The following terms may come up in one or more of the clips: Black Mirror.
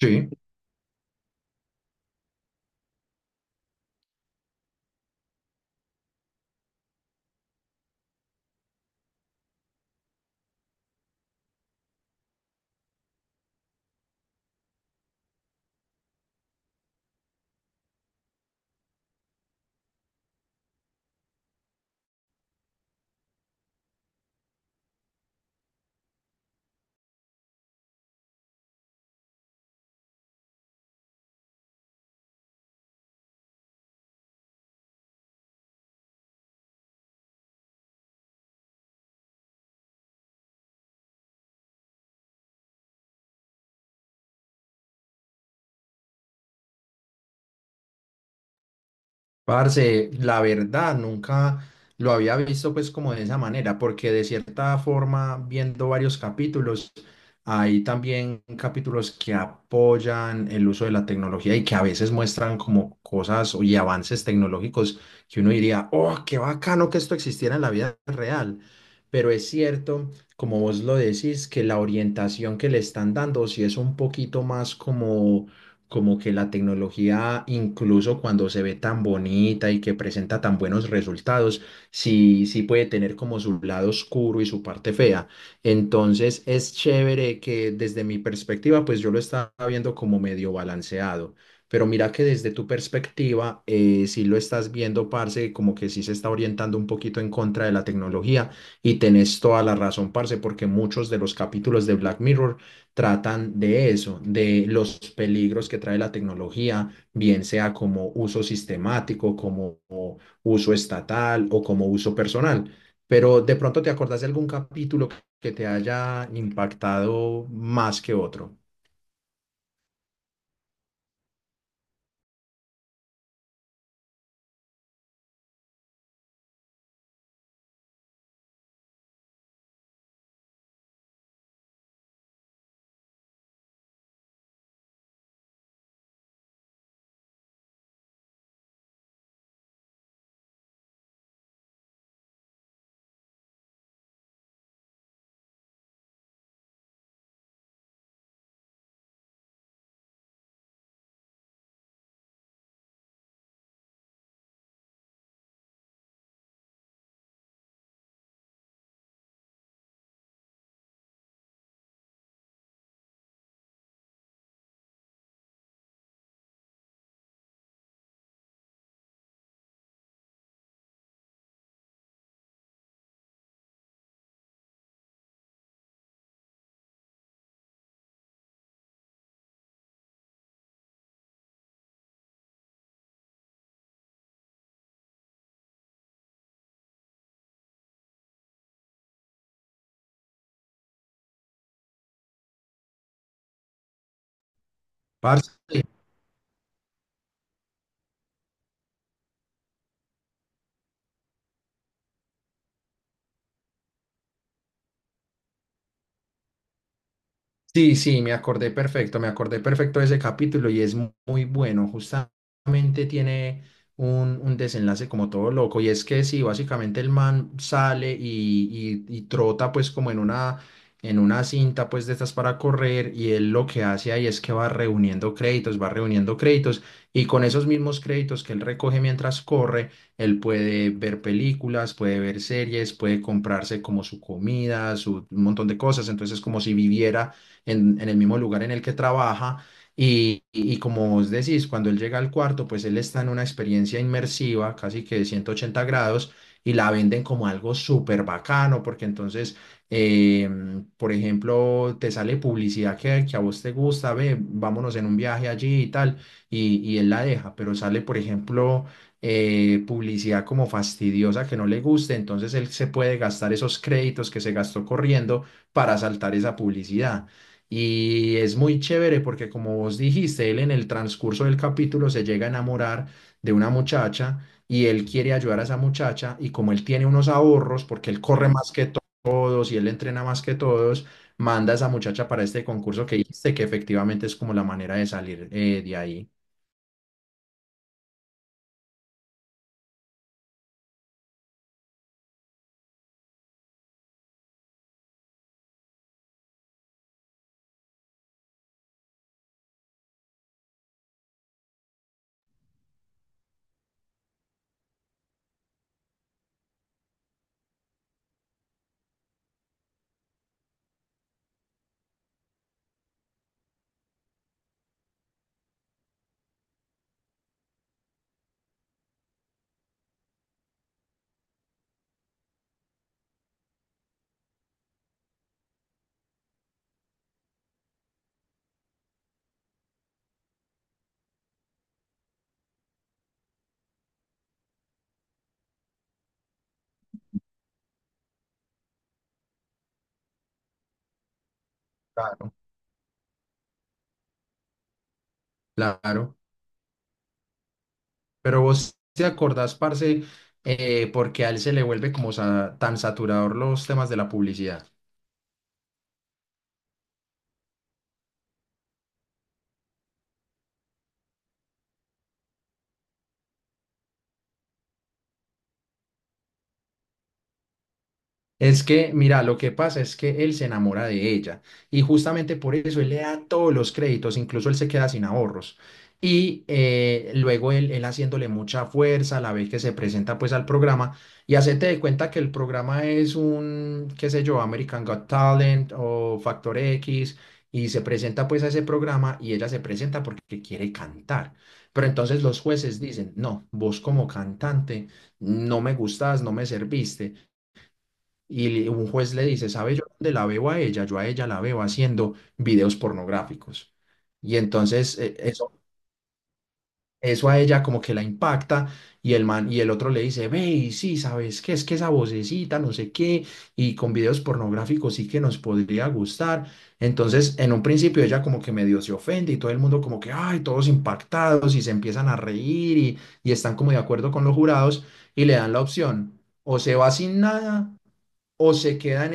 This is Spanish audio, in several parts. Sí. Parce, la verdad, nunca lo había visto pues como de esa manera, porque de cierta forma, viendo varios capítulos, hay también capítulos que apoyan el uso de la tecnología y que a veces muestran como cosas y avances tecnológicos que uno diría, oh, qué bacano que esto existiera en la vida real. Pero es cierto, como vos lo decís, que la orientación que le están dando sí es un poquito más como que la tecnología, incluso cuando se ve tan bonita y que presenta tan buenos resultados, sí, sí puede tener como su lado oscuro y su parte fea. Entonces es chévere que desde mi perspectiva, pues yo lo estaba viendo como medio balanceado. Pero mira que desde tu perspectiva, sí lo estás viendo, parce, como que sí se está orientando un poquito en contra de la tecnología y tenés toda la razón, parce, porque muchos de los capítulos de Black Mirror tratan de eso, de los peligros que trae la tecnología, bien sea como uso sistemático, como uso estatal o como uso personal. Pero de pronto te acordás de algún capítulo que te haya impactado más que otro. Parce, sí, sí, me acordé perfecto de ese capítulo y es muy bueno. Justamente tiene un desenlace como todo loco y es que sí, básicamente el man sale y trota pues como en una cinta pues de estas para correr y él lo que hace ahí es que va reuniendo créditos y con esos mismos créditos que él recoge mientras corre, él puede ver películas, puede ver series, puede comprarse como su comida, su, un montón de cosas. Entonces es como si viviera en el mismo lugar en el que trabaja. Y como vos decís, cuando él llega al cuarto, pues él está en una experiencia inmersiva, casi que de 180 grados, y la venden como algo súper bacano. Porque entonces, por ejemplo, te sale publicidad que a vos te gusta, ve, vámonos en un viaje allí y tal, y él la deja, pero sale, por ejemplo, publicidad como fastidiosa que no le guste, entonces él se puede gastar esos créditos que se gastó corriendo para saltar esa publicidad. Y es muy chévere porque, como vos dijiste, él en el transcurso del capítulo se llega a enamorar de una muchacha y él quiere ayudar a esa muchacha y como él tiene unos ahorros, porque él corre más que todos y él entrena más que todos, manda a esa muchacha para este concurso que dijiste, que efectivamente es como la manera de salir de ahí. Claro. Claro. Pero vos te acordás, parce, porque a él se le vuelve como tan saturador los temas de la publicidad. Es que, mira, lo que pasa es que él se enamora de ella y justamente por eso él le da todos los créditos, incluso él se queda sin ahorros. Y luego él haciéndole mucha fuerza, la vez que se presenta pues al programa y hacete de cuenta que el programa es un, qué sé yo, American Got Talent o Factor X y se presenta pues a ese programa y ella se presenta porque quiere cantar. Pero entonces los jueces dicen, no, vos como cantante no me gustas, no me serviste. Y un juez le dice, ¿sabe yo dónde la veo a ella? Yo a ella la veo haciendo videos pornográficos. Y entonces eso, eso a ella como que la impacta y el man, y el otro le dice, ve, y sí, ¿sabes qué? Es que esa vocecita, no sé qué, y con videos pornográficos sí que nos podría gustar. Entonces, en un principio ella como que medio se ofende y todo el mundo como que, ay, todos impactados y se empiezan a reír y están como de acuerdo con los jurados y le dan la opción, o se va sin nada o se queda en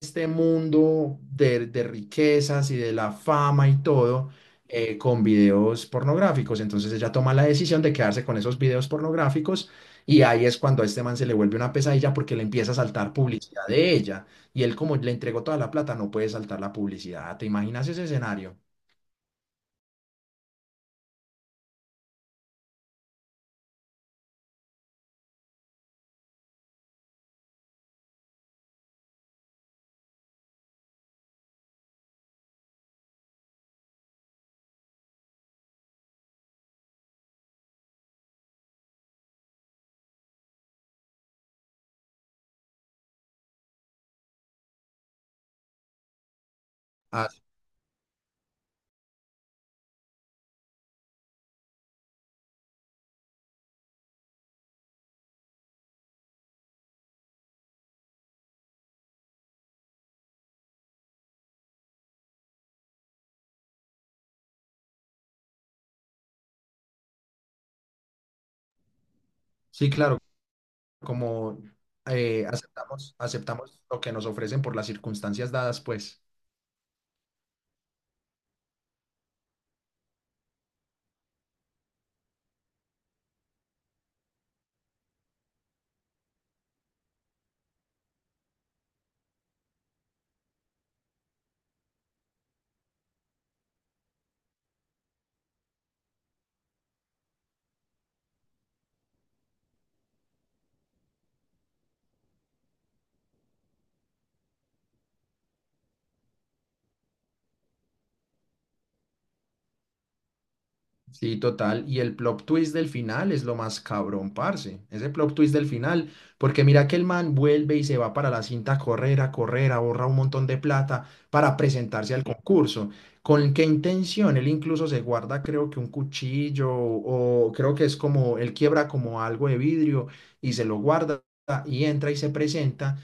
este mundo de riquezas y de la fama y todo con videos pornográficos. Entonces ella toma la decisión de quedarse con esos videos pornográficos y ahí es cuando a este man se le vuelve una pesadilla porque le empieza a saltar publicidad de ella y él como le entregó toda la plata no puede saltar la publicidad. ¿Te imaginas ese escenario? Ah, sí, claro, como aceptamos, aceptamos lo que nos ofrecen por las circunstancias dadas, pues. Sí, total. Y el plot twist del final es lo más cabrón, parce. Ese plot twist del final. Porque mira que el man vuelve y se va para la cinta a correr, ahorra un montón de plata para presentarse al concurso. ¿Con qué intención? Él incluso se guarda, creo que un cuchillo o creo que es como, él quiebra como algo de vidrio y se lo guarda y entra y se presenta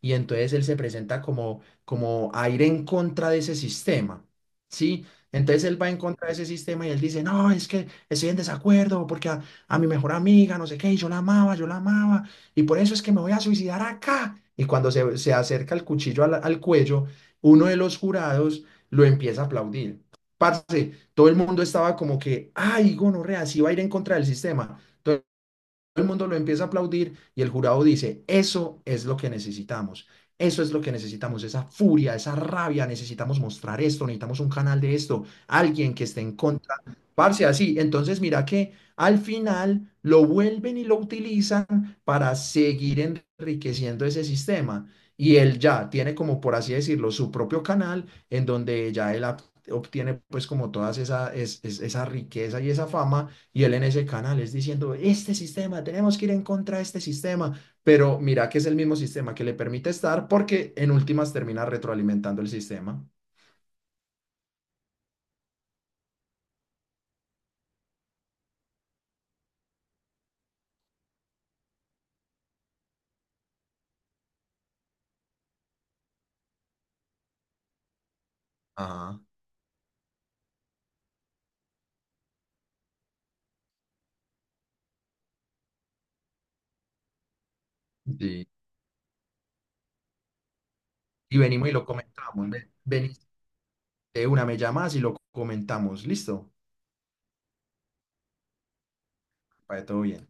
y entonces él se presenta como, como a ir en contra de ese sistema, ¿sí? Entonces él va en contra de ese sistema y él dice, no, es que estoy en desacuerdo porque a mi mejor amiga, no sé qué, y yo la amaba, y por eso es que me voy a suicidar acá. Y cuando se acerca el cuchillo al cuello, uno de los jurados lo empieza a aplaudir. Parce, todo el mundo estaba como que, ay, gonorrea, sí va a ir en contra del sistema, el mundo lo empieza a aplaudir y el jurado dice, eso es lo que necesitamos, eso es lo que necesitamos, esa furia, esa rabia, necesitamos mostrar esto, necesitamos un canal de esto, alguien que esté en contra, parce, así. Entonces mira que al final lo vuelven y lo utilizan para seguir enriqueciendo ese sistema. Y él ya tiene como, por así decirlo, su propio canal en donde ya él obtiene pues como todas esa, esa riqueza y esa fama y él en ese canal es diciendo, este sistema, tenemos que ir en contra de este sistema, pero mira que es el mismo sistema que le permite estar porque en últimas termina retroalimentando el sistema. Ajá, sí. Y venimos y lo comentamos. Venís de una, me llamas y lo comentamos. Listo, para todo bien.